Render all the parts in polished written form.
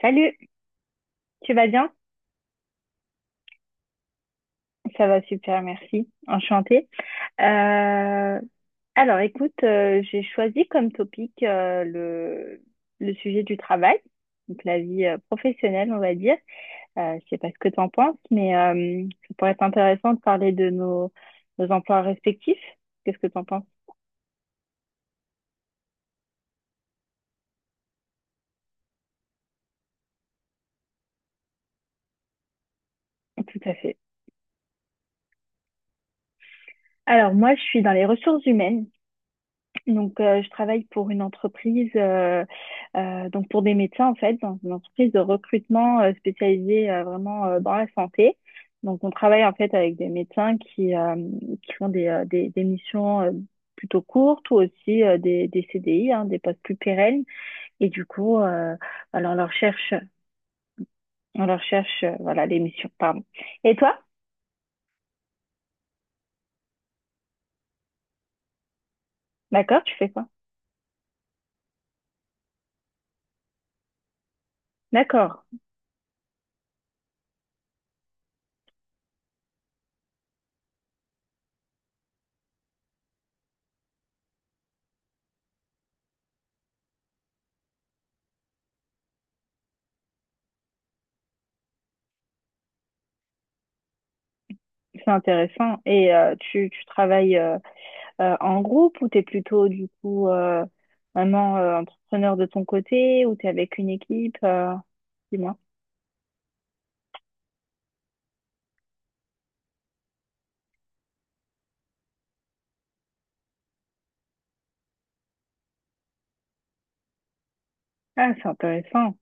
Salut, tu vas bien? Ça va super, merci. Enchantée. Euh, alors, écoute, j'ai choisi comme topic le sujet du travail, donc la vie professionnelle, on va dire. Je sais pas ce que tu en penses, mais ça pourrait être intéressant de parler de nos emplois respectifs. Qu'est-ce que tu en penses? Tout à fait. Alors, moi, je suis dans les ressources humaines. Donc, je travaille pour une entreprise, donc pour des médecins en fait, dans une entreprise de recrutement spécialisée vraiment dans la santé. Donc, on travaille en fait avec des médecins qui qui font des missions plutôt courtes ou aussi des CDI, hein, des postes plus pérennes. Et du coup, voilà, on leur cherche, voilà, les missions. Pardon. Et toi? D'accord, tu fais quoi? D'accord, c'est intéressant. Et tu travailles en groupe ou t'es plutôt du coup vraiment entrepreneur de ton côté ou t'es avec une équipe dis-moi. Ah, c'est intéressant.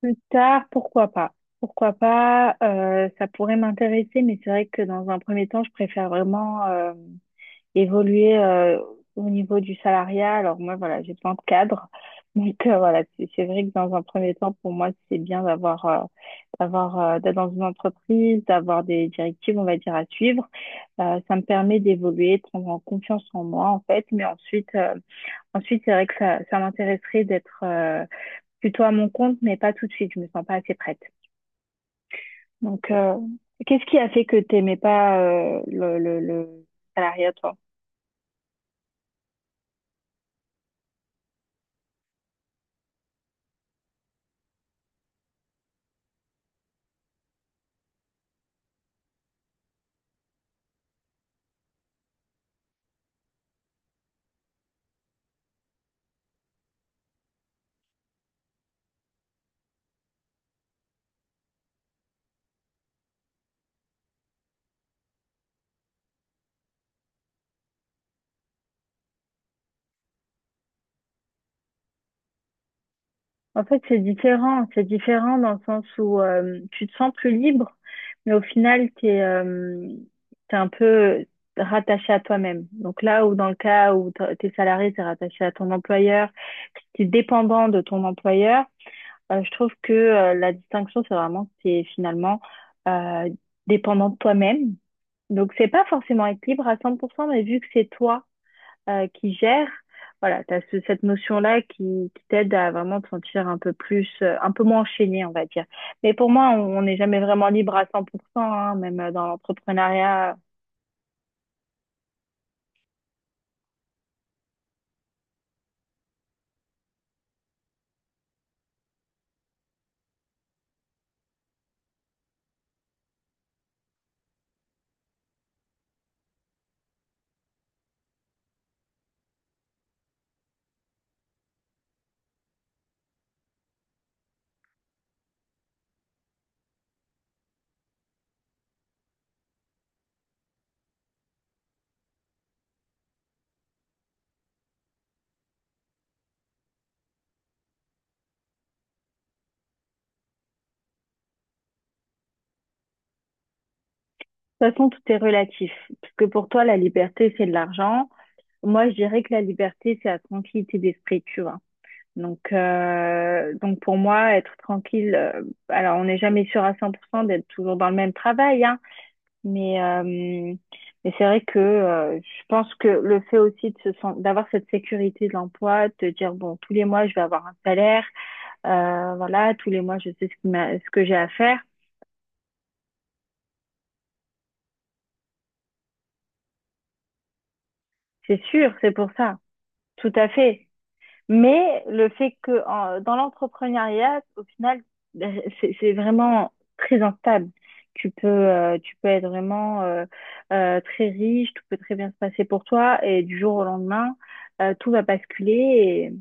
Plus tard, pourquoi pas? Pourquoi pas? Ça pourrait m'intéresser, mais c'est vrai que dans un premier temps, je préfère vraiment évoluer au niveau du salariat. Alors moi, voilà, j'ai plein de cadres. Donc voilà, c'est vrai que dans un premier temps, pour moi, c'est bien d'être dans une entreprise, d'avoir des directives, on va dire, à suivre. Ça me permet d'évoluer, de prendre en confiance en moi, en fait. Mais ensuite, c'est vrai que ça m'intéresserait d'être plutôt à mon compte, mais pas tout de suite. Je me sens pas assez prête. Donc, qu'est-ce qui a fait que t'aimais pas le salariat, toi? En fait, c'est différent. C'est différent dans le sens où tu te sens plus libre, mais au final, tu es un peu rattaché à toi-même. Donc là où dans le cas où t'es salarié, t'es rattaché à ton employeur, t'es dépendant de ton employeur, je trouve que la distinction, c'est vraiment que t'es finalement euh, dépendant de toi-même. Donc c'est pas forcément être libre à 100%, mais vu que c'est toi qui gère, voilà, tu as cette notion-là qui t'aide à vraiment te sentir un peu plus, un peu moins enchaîné, on va dire. Mais pour moi, on n'est jamais vraiment libre à 100%, hein, même dans l'entrepreneuriat. De toute façon, tout est relatif. Parce que pour toi, la liberté, c'est de l'argent. Moi, je dirais que la liberté, c'est la tranquillité d'esprit, tu vois. Donc pour moi, être tranquille, alors on n'est jamais sûr à 100% d'être toujours dans le même travail, hein. Mais c'est vrai que je pense que le fait aussi de d'avoir cette sécurité de l'emploi, de te dire, bon, tous les mois, je vais avoir un salaire, voilà, tous les mois, je sais ce ce que j'ai à faire, c'est sûr, c'est pour ça, tout à fait. Mais le fait que dans l'entrepreneuriat, au final, ben, c'est vraiment très instable. Tu peux être vraiment très riche, tout peut très bien se passer pour toi, et du jour au lendemain, tout va basculer.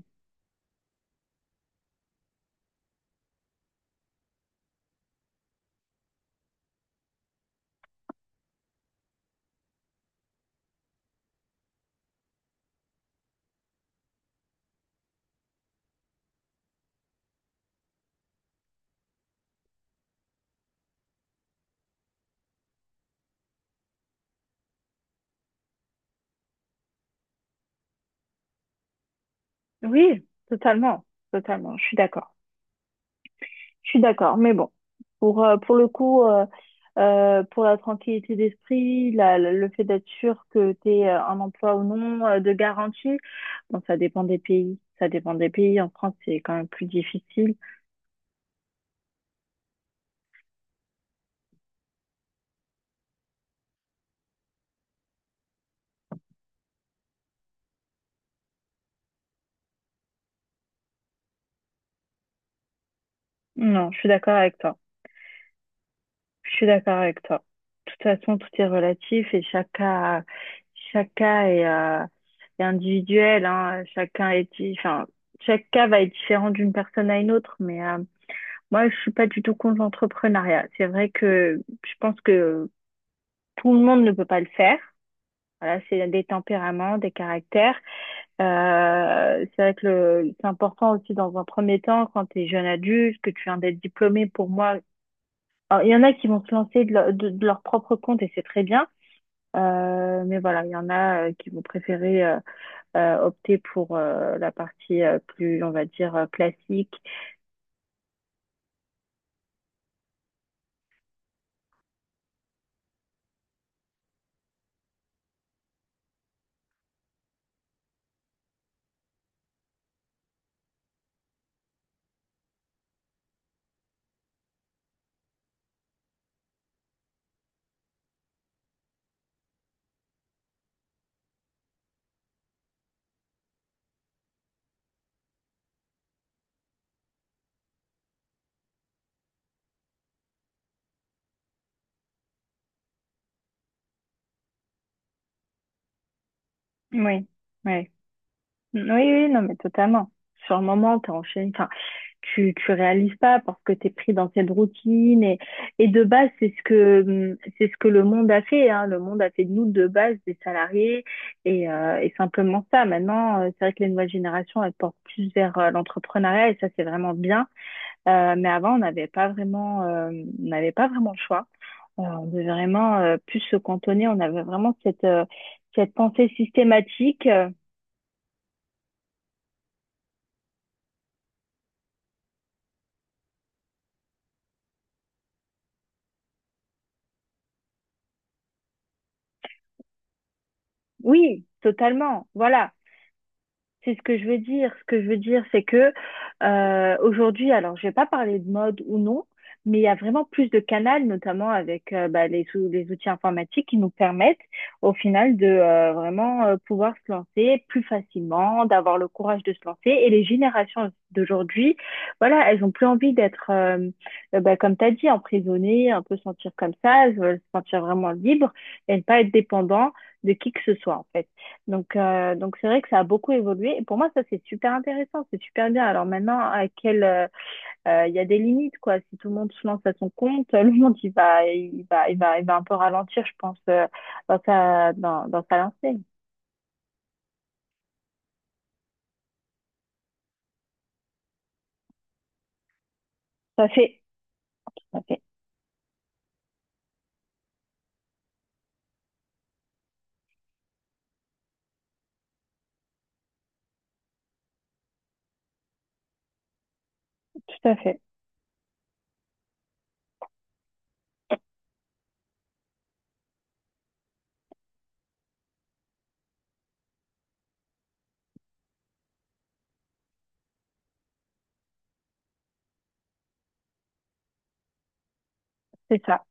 Oui, totalement, totalement. Je suis d'accord. Je suis d'accord. Mais bon, pour le coup, pour la tranquillité d'esprit, le fait d'être sûr que tu es un emploi ou non, de garantie, bon, ça dépend des pays. Ça dépend des pays. En France, c'est quand même plus difficile. Non, je suis d'accord avec toi. Je suis d'accord avec toi. De toute façon, tout est relatif et chaque cas est individuel, hein. Enfin, chaque cas va être différent d'une personne à une autre, mais, moi, je suis pas du tout contre l'entrepreneuriat. C'est vrai que je pense que tout le monde ne peut pas le faire. Voilà, c'est des tempéraments, des caractères. C'est vrai que c'est important aussi dans un premier temps, quand tu es jeune adulte, que tu viens d'être diplômé, pour moi. Alors, il y en a qui vont se lancer de leur propre compte et c'est très bien. Mais voilà, il y en a qui vont préférer opter pour la partie plus, on va dire, classique. Oui, oui. Oui, oui, non, mais totalement. Sur le moment, t'es enchaîné. Enfin, tu réalises pas parce que t'es pris dans cette routine. Et de base, c'est ce que c'est ce que le monde a fait, hein. Le monde a fait de nous, de base, des salariés. Et simplement ça. Maintenant, c'est vrai que les nouvelles générations, elles portent plus vers l'entrepreneuriat. Et ça, c'est vraiment bien. Mais avant, on n'avait pas vraiment le choix. On devait vraiment plus se cantonner. On avait vraiment cette pensée systématique. Oui, totalement. Voilà, c'est ce que je veux dire. Ce que je veux dire, c'est que aujourd'hui, alors je vais pas parler de mode ou non, mais il y a vraiment plus de canaux, notamment avec bah, les outils informatiques qui nous permettent au final de vraiment pouvoir se lancer plus facilement, d'avoir le courage de se lancer. Et les générations d'aujourd'hui, voilà, elles ont plus envie d'être, bah, comme tu as dit, emprisonnées, un peu sentir comme ça, elles veulent se sentir vraiment libres et ne pas être dépendant de qui que ce soit en fait. Donc c'est vrai que ça a beaucoup évolué. Et pour moi, ça, c'est super intéressant, c'est super bien. Alors maintenant, il y a des limites, quoi. Si tout le monde se lance à son compte, le monde, il va un peu ralentir, je pense, dans dans sa lancée. Tout à fait, tout à fait, tout à fait. C'est ça,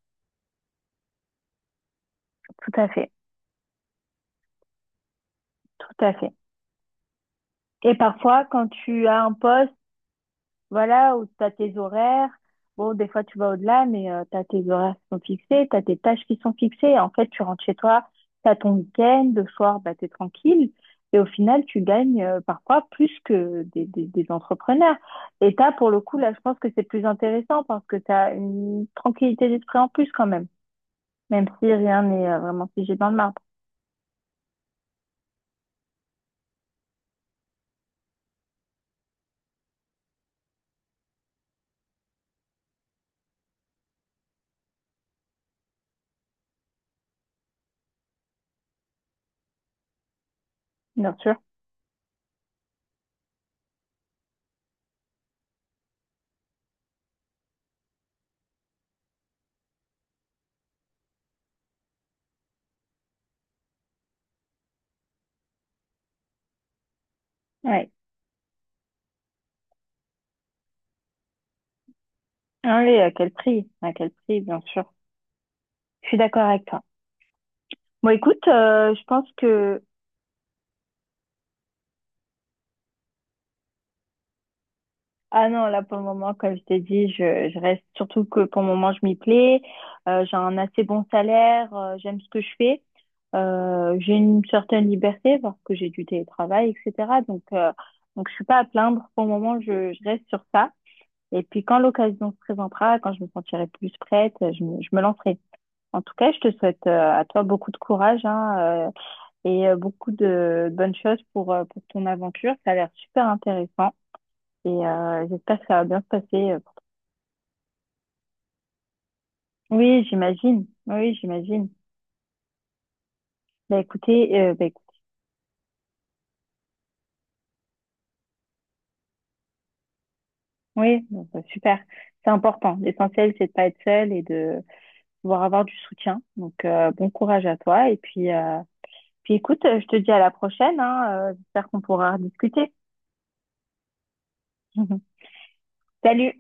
tout à fait, tout à fait. Et parfois, quand tu as un poste. Voilà, où tu as tes horaires. Bon, des fois, tu vas au-delà, mais tu as tes horaires qui sont fixés, tu as tes tâches qui sont fixées. En fait, tu rentres chez toi, tu as ton week-end, le soir, bah, tu es tranquille. Et au final, tu gagnes parfois plus que des entrepreneurs. Et tu as, pour le coup, là, je pense que c'est plus intéressant parce que tu as une tranquillité d'esprit en plus quand même, même si rien n'est vraiment figé dans le marbre, bien sûr. Ouais. Ah oui, à quel prix? À quel prix, bien sûr. Je suis d'accord avec toi. Bon, écoute, je pense que. Ah non, là pour le moment, comme je t'ai dit, je reste surtout que pour le moment, je m'y plais. J'ai un assez bon salaire, j'aime ce que je fais. J'ai une certaine liberté parce que j'ai du télétravail, etc. Donc je suis pas à plaindre. Pour le moment, je reste sur ça. Et puis quand l'occasion se présentera, quand je me sentirai plus prête, je me lancerai. En tout cas, je te souhaite à toi beaucoup de courage hein, et beaucoup de bonnes choses pour ton aventure. Ça a l'air super intéressant. Et j'espère que ça va bien se passer. Oui, j'imagine. Oui, j'imagine. Bah écoutez, euh, bah, écou- oui, bon, bah, super. C'est important. L'essentiel, c'est de pas être seul et de pouvoir avoir du soutien. Donc, bon courage à toi. Et puis, puis écoute, je te dis à la prochaine, hein. J'espère qu'on pourra rediscuter. Salut!